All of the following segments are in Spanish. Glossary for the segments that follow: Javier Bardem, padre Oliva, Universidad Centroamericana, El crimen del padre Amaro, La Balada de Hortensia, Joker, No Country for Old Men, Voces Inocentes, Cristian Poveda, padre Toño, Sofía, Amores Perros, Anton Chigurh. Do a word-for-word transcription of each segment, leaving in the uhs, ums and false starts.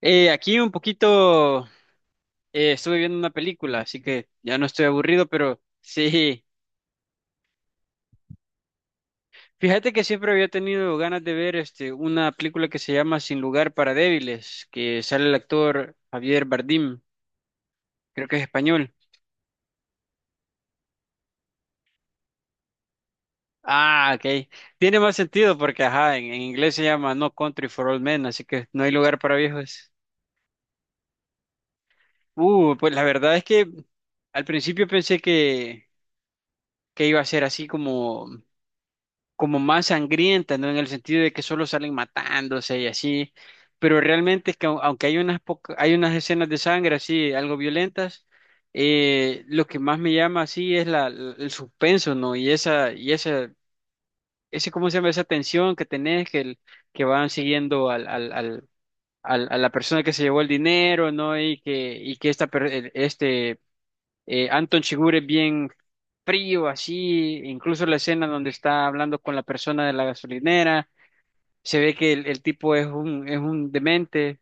Eh, aquí un poquito eh, estuve viendo una película, así que ya no estoy aburrido, pero sí. Fíjate que siempre había tenido ganas de ver este una película que se llama Sin lugar para débiles, que sale el actor Javier Bardem, creo que es español. Ah, ok. Tiene más sentido porque ajá, en, en inglés se llama No Country for Old Men, así que no hay lugar para viejos. Uh, pues la verdad es que al principio pensé que, que iba a ser así como como más sangrienta, ¿no? En el sentido de que solo salen matándose y así, pero realmente es que au- aunque hay unas poca- hay unas escenas de sangre así, algo violentas, eh, lo que más me llama así es la, la- el suspenso, ¿no? Y esa, y esa, ese, ¿cómo se llama? Esa tensión que tenés, que, el- que van siguiendo al, al, al, al- a la persona que se llevó el dinero, ¿no? Y que, y que esta, per- el- este, eh, Anton Chigurh es bien frío, así, incluso la escena donde está hablando con la persona de la gasolinera se ve que el, el tipo es un, es un demente.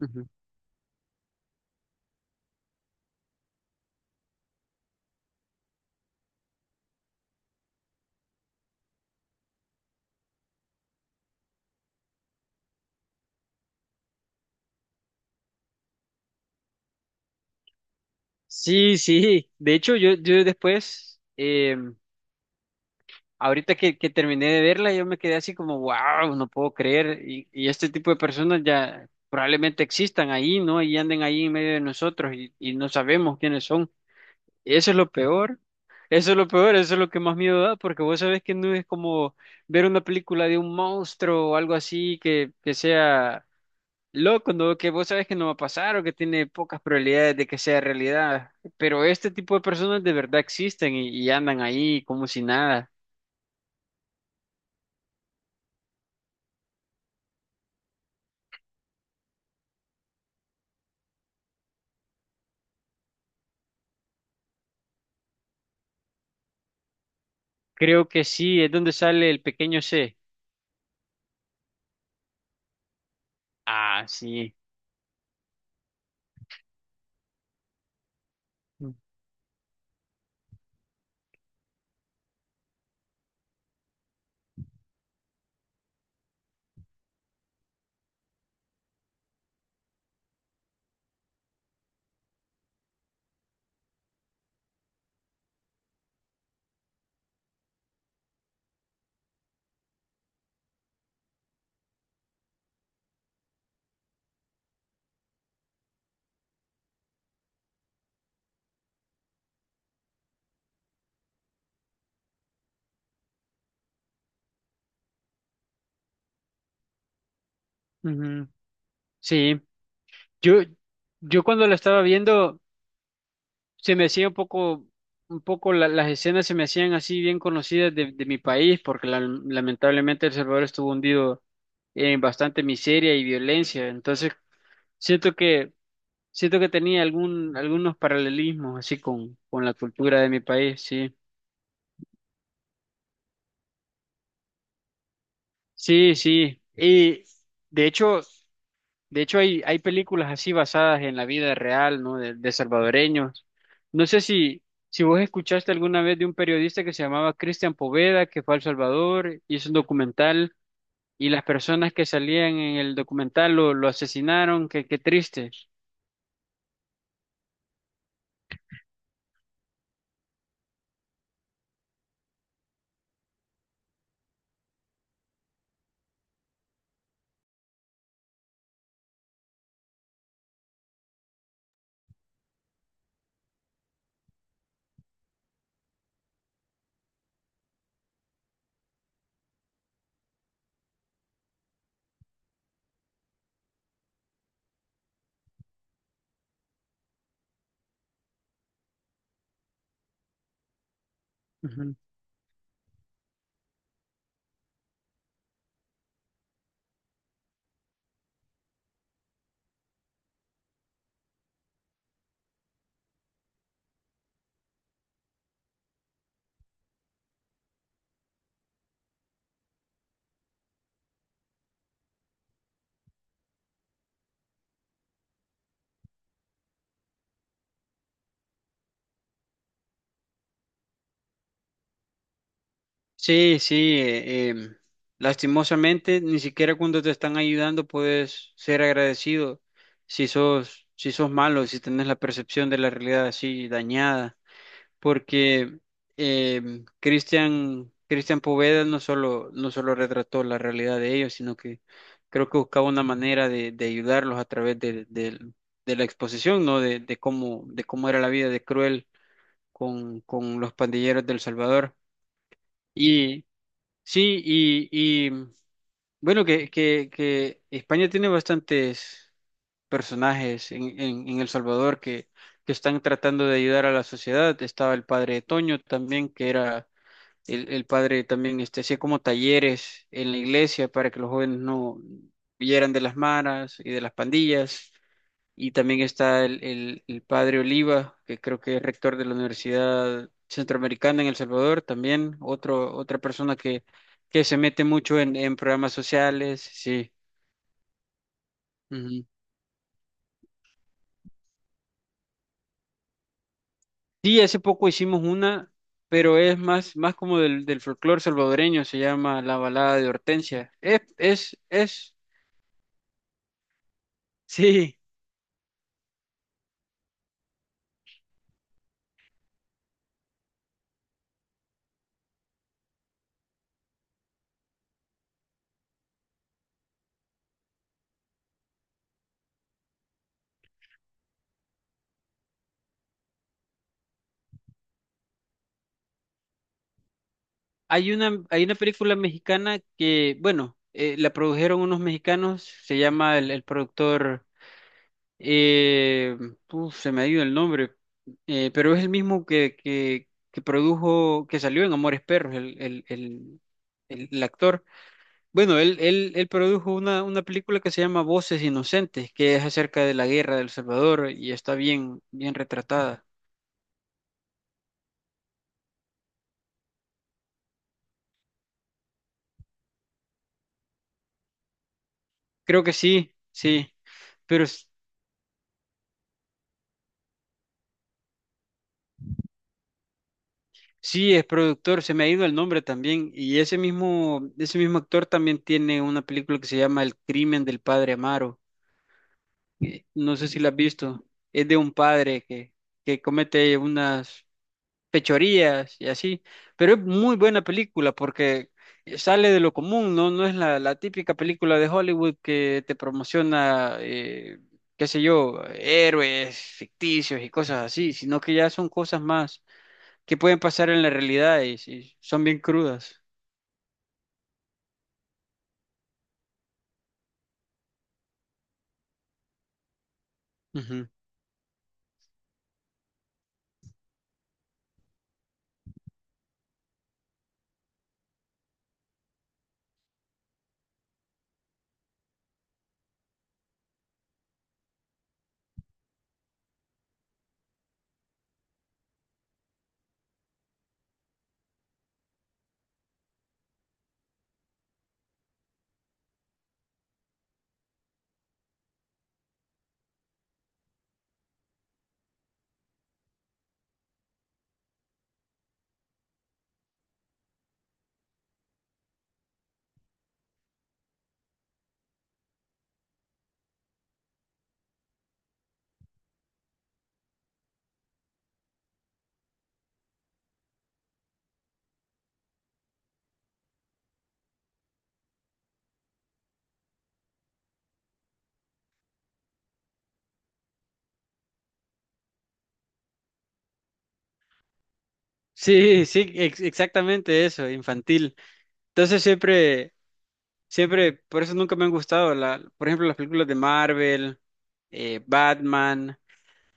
Ujú. Sí, sí. De hecho, yo, yo después, eh, ahorita que, que terminé de verla, yo me quedé así como, wow, no puedo creer. Y, y este tipo de personas ya probablemente existan ahí, ¿no? Y anden ahí en medio de nosotros y, y no sabemos quiénes son. Eso es lo peor. Eso es lo peor, eso es lo que más miedo da, porque vos sabés que no es como ver una película de un monstruo o algo así que, que sea loco, ¿no? Que vos sabes que no va a pasar o que tiene pocas probabilidades de que sea realidad. Pero este tipo de personas de verdad existen y, y andan ahí como si nada. Creo que sí, es donde sale el pequeño C. Ah, sí. Mm, ujú. Sí. Yo, yo cuando la estaba viendo, se me hacía un poco, un poco la- las escenas se me hacían así bien conocidas de, de mi país, porque la- lamentablemente El Salvador estuvo hundido en bastante miseria y violencia. Entonces, siento que siento que tenía algún, algunos paralelismos así con, con la cultura de mi país, sí. Sí, sí. Y de hecho, de hecho hay, hay películas así basadas en la vida real, ¿no? De, de salvadoreños. No sé si, si vos escuchaste alguna vez de un periodista que se llamaba Cristian Poveda, que fue a El Salvador, hizo un documental y las personas que salían en el documental lo, lo asesinaron, qué, qué triste. Sí, sí, eh, em, lastimosamente, ni siquiera cuando te están ayudando puedes ser agradecido si sos, si sos malo, si tenés la percepción de la realidad así dañada, porque em, Cristian, Cristian Poveda no solo, no solo retrató la realidad de ellos, sino que creo que buscaba una manera de, de ayudarlos a través de, del- de la exposición, ¿no? De, de cómo, de cómo era la vida de cruel con, con los pandilleros del Salvador. Sí, y, y, mm, bueno, que, que, que España tiene bastantes personajes en, en, en El Salvador que, que están tratando de ayudar a la sociedad. Estaba el padre Toño también, que era el, el padre también, este, hacía como talleres en la iglesia para que los jóvenes no vieran de las maras y de las pandillas. Y también está el, el, el padre Oliva, que creo que es rector de la Universidad Centroamericana en El Salvador, también otro, otra persona que, que se mete mucho en, en programas sociales, sí. Ujú. Sí, hace poco hicimos una, pero es más, más como del, del folclore salvadoreño, se llama La Balada de Hortensia. Es, es, es, sí. Hay una, hay una película mexicana que, bueno, eh, la produjeron unos mexicanos, se llama el el productor. Eh, Uf, se me ha ido el nombre, eh, pero es el mismo que, que, que produjo, que salió en Amores Perros, el, el, el, el- el actor. Bueno, él, él, él produjo una, una película que se llama Voces Inocentes, que es acerca de la guerra de El Salvador y está bien, bien retratada. Creo que sí, sí, pero s- sí es productor, se me ha ido el nombre también, y ese mismo, ese mismo actor también tiene una película que se llama El crimen del padre Amaro. Eh, no sé si la has visto, es de un padre que, que comete unas fechorías y así, pero es muy buena película porque sale de lo común, ¿no? No es la, la típica película de Hollywood que te promociona, eh, qué sé yo, héroes ficticios y cosas así, sino que ya son cosas más que pueden pasar en la realidad y, y son bien crudas. Ujú. Sí, sí, ex- exactamente eso, infantil. Entonces siempre Siempre, por eso nunca me han gustado, la, por ejemplo, las películas de Marvel, eh, Batman,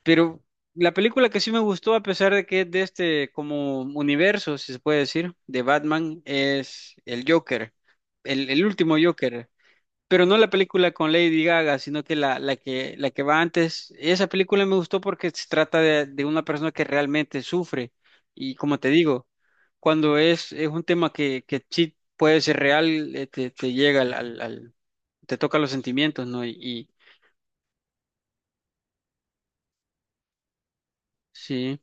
pero la película que sí me gustó, a pesar de que es de este como universo, si se puede decir, de Batman, es el Joker, el, el último Joker. Pero no la película con Lady Gaga, sino que la, la que, la que va antes. Esa película me gustó porque se trata de, de una persona que realmente sufre. Y como te digo, cuando es, es un tema que, que sí puede ser real, eh, te, te llega al, al- al- te toca los sentimientos, ¿no? Y, y sí.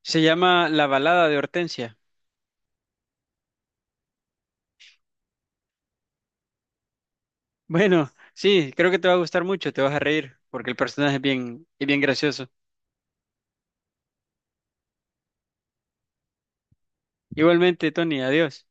Se llama La balada de Hortensia. Bueno, sí, creo que te va a gustar mucho, te vas a reír, porque el personaje es bien, es bien gracioso. Igualmente, Tony, adiós.